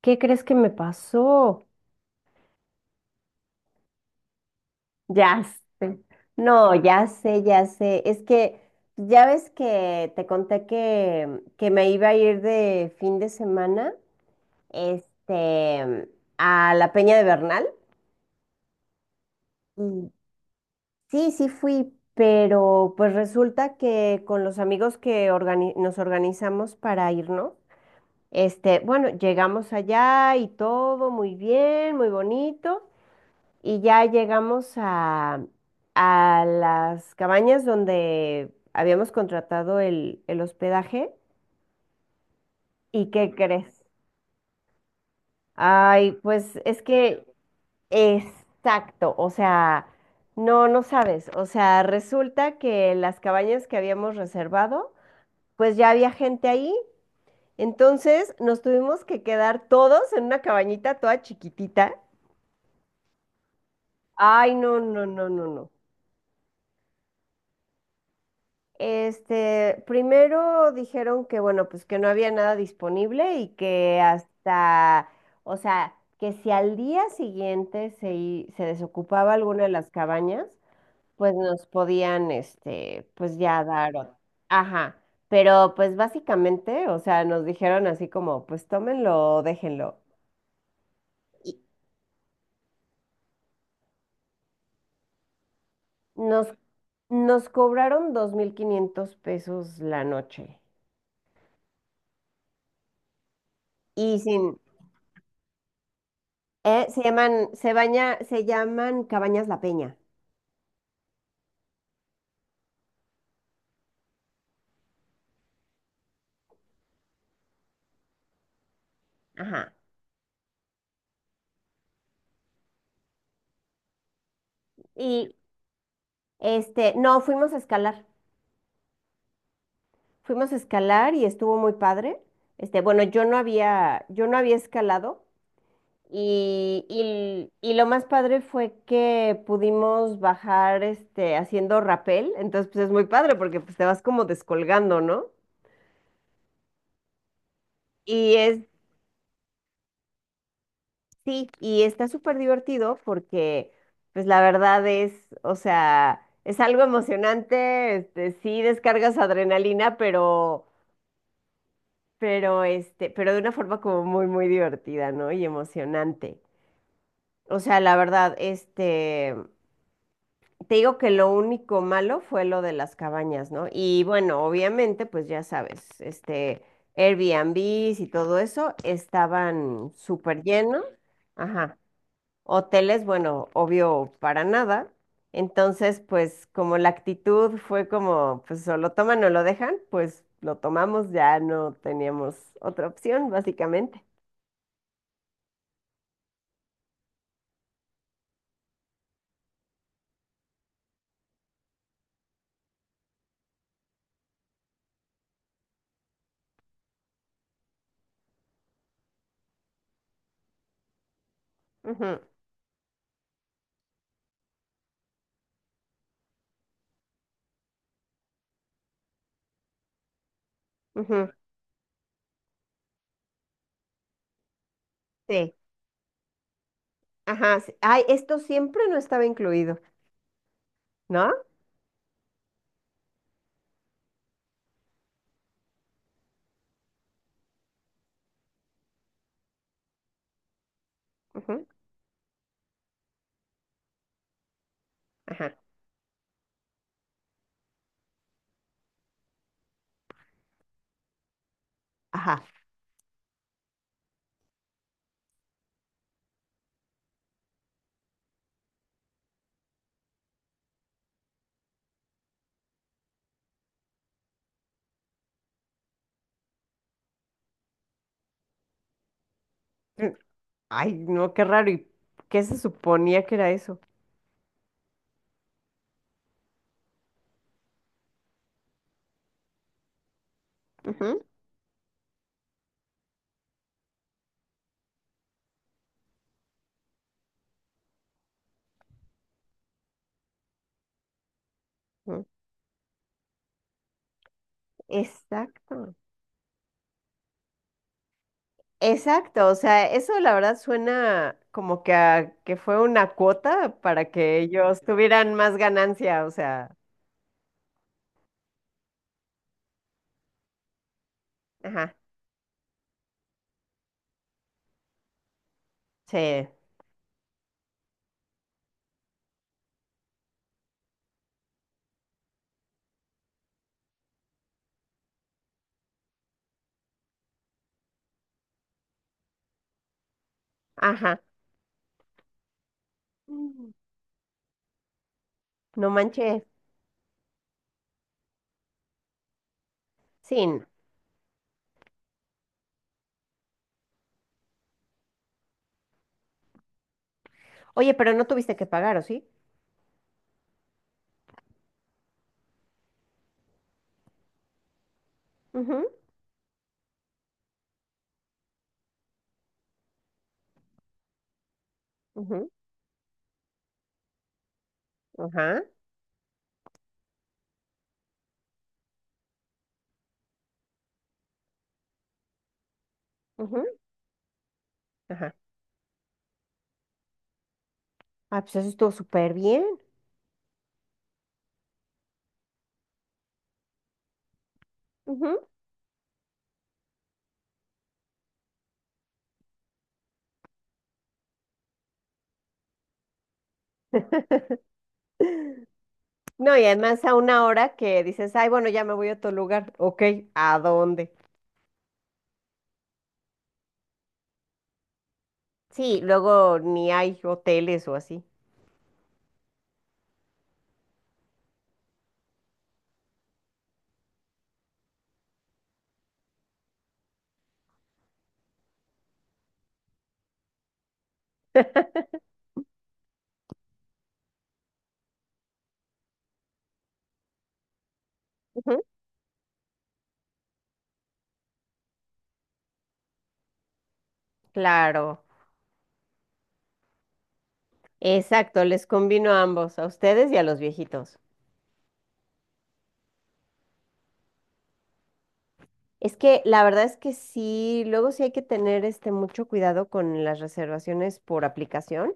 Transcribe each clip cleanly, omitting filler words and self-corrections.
¿Qué crees que me pasó? Ya sé. No, ya sé, ya sé. Es que ya ves que te conté que me iba a ir de fin de semana, este, a la Peña de Bernal. Y sí, sí fui, pero pues resulta que con los amigos que nos organizamos para irnos, bueno, llegamos allá y todo muy bien, muy bonito. Y ya llegamos a las cabañas donde habíamos contratado el hospedaje. ¿Y qué crees? Ay, pues es que exacto, o sea, no, no sabes. O sea, resulta que las cabañas que habíamos reservado, pues ya había gente ahí. Entonces nos tuvimos que quedar todos en una cabañita toda chiquitita. Ay, no, no, no, no, no. Este, primero dijeron que, bueno, pues que no había nada disponible y que hasta, o sea, que si al día siguiente se desocupaba alguna de las cabañas, pues nos podían, pues ya dar otra. Ajá, pero pues básicamente, o sea, nos dijeron así como, pues tómenlo, o déjenlo. Y nos, nos cobraron 2500 pesos la noche y sin... se llaman, se baña, se llaman Cabañas La Peña. Ajá. Y no, fuimos a escalar. Fuimos a escalar y estuvo muy padre. Este, bueno, yo no había escalado. Y lo más padre fue que pudimos bajar haciendo rapel. Entonces, pues es muy padre porque pues, te vas como descolgando, ¿no? Y es, Sí, y está súper divertido porque, pues la verdad es, o sea, es algo emocionante, sí descargas adrenalina, pero, pero de una forma como muy, muy divertida, ¿no? Y emocionante. O sea, la verdad, te digo que lo único malo fue lo de las cabañas, ¿no? Y bueno, obviamente, pues ya sabes, este, Airbnbs y todo eso estaban súper llenos. Ajá. Hoteles, bueno, obvio, para nada. Entonces, pues como la actitud fue como, pues o lo toman o lo dejan, pues lo tomamos, ya no teníamos otra opción, básicamente. Ujú, ujú, sí, ajá, sí. Ay, esto siempre no estaba incluido, ¿no? Ujú, ajá, ajá. Mm, ay, no, qué raro. ¿Y qué se suponía que era eso? Ujú, ujú, exacto. Exacto, o sea, eso la verdad suena como que que fue una cuota para que ellos tuvieran más ganancia, o sea, ajá, sí, ajá. Mm, no manches, sí. No. Oye, pero no tuviste que pagar, ¿o sí? Ujú, ujú, ajá, ujú, ajá. Ah, pues eso estuvo súper bien. Ujú. No, y además a una hora que dices, ay, bueno, ya me voy a otro lugar. Ok, ¿a dónde? Sí, luego ni hay hoteles o así. Claro, exacto, les convino a ambos, a ustedes y a los viejitos. Es que la verdad es que sí, luego sí hay que tener mucho cuidado con las reservaciones por aplicación.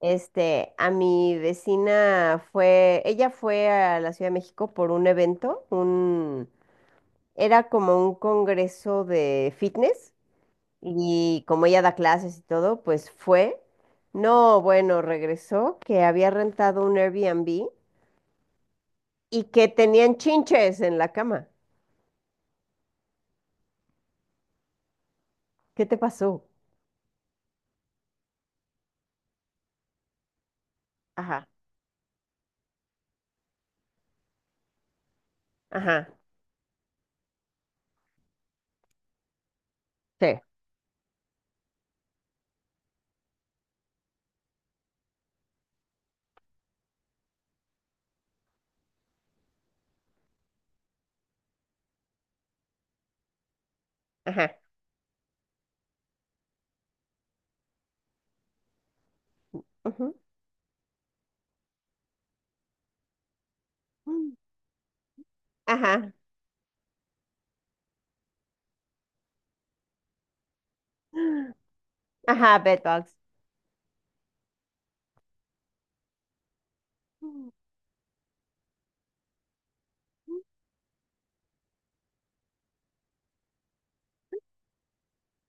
Este, a mi vecina fue, ella fue a la Ciudad de México por un evento, era como un congreso de fitness y como ella da clases y todo, pues fue. No, bueno, regresó que había rentado un Airbnb y que tenían chinches en la cama. ¿Qué te pasó? Ajá, ajá, sí, ajá, ujú, mm, ajá, ajá, bedbugs. Mm,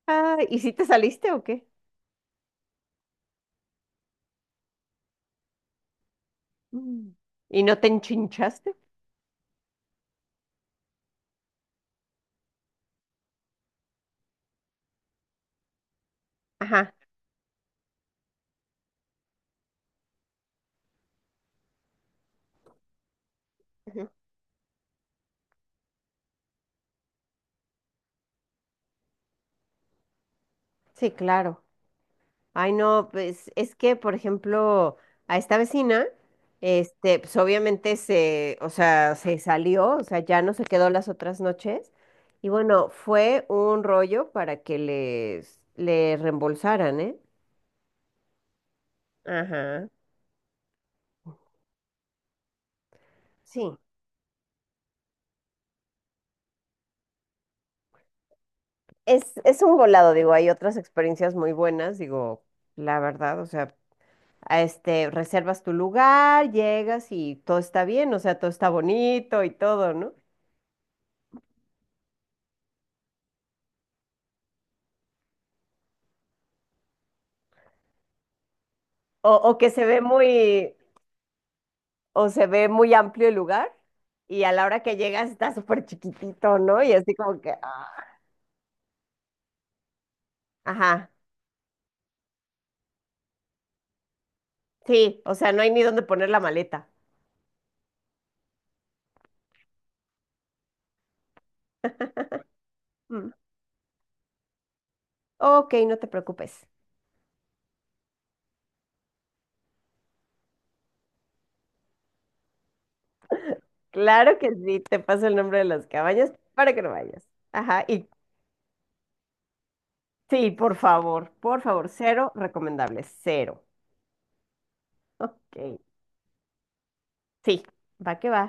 ah, ¿y si te saliste o qué? Mm. ¿Y no te enchinchaste? Ajá, ujú, sí, claro. Ay, no, pues es que, por ejemplo, a esta vecina, pues obviamente se, o sea, se salió, o sea, ya no se quedó las otras noches. Y bueno, fue un rollo para que le reembolsaran, ¿eh? Ajá. Sí, es un volado, digo, hay otras experiencias muy buenas, digo, la verdad, o sea, reservas tu lugar, llegas y todo está bien, o sea, todo está bonito y todo, ¿no? O, o que se ve muy, o se ve muy amplio el lugar y a la hora que llegas está súper chiquitito, ¿no? Y así como que, ah. Ajá, sí, o sea, no hay ni dónde poner la maleta. Mm, ok, no te preocupes. Claro que sí, te paso el nombre de las cabañas para que no vayas. Ajá, y sí, por favor, cero recomendable, cero. Ok, sí, va que va.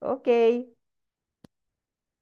Ok.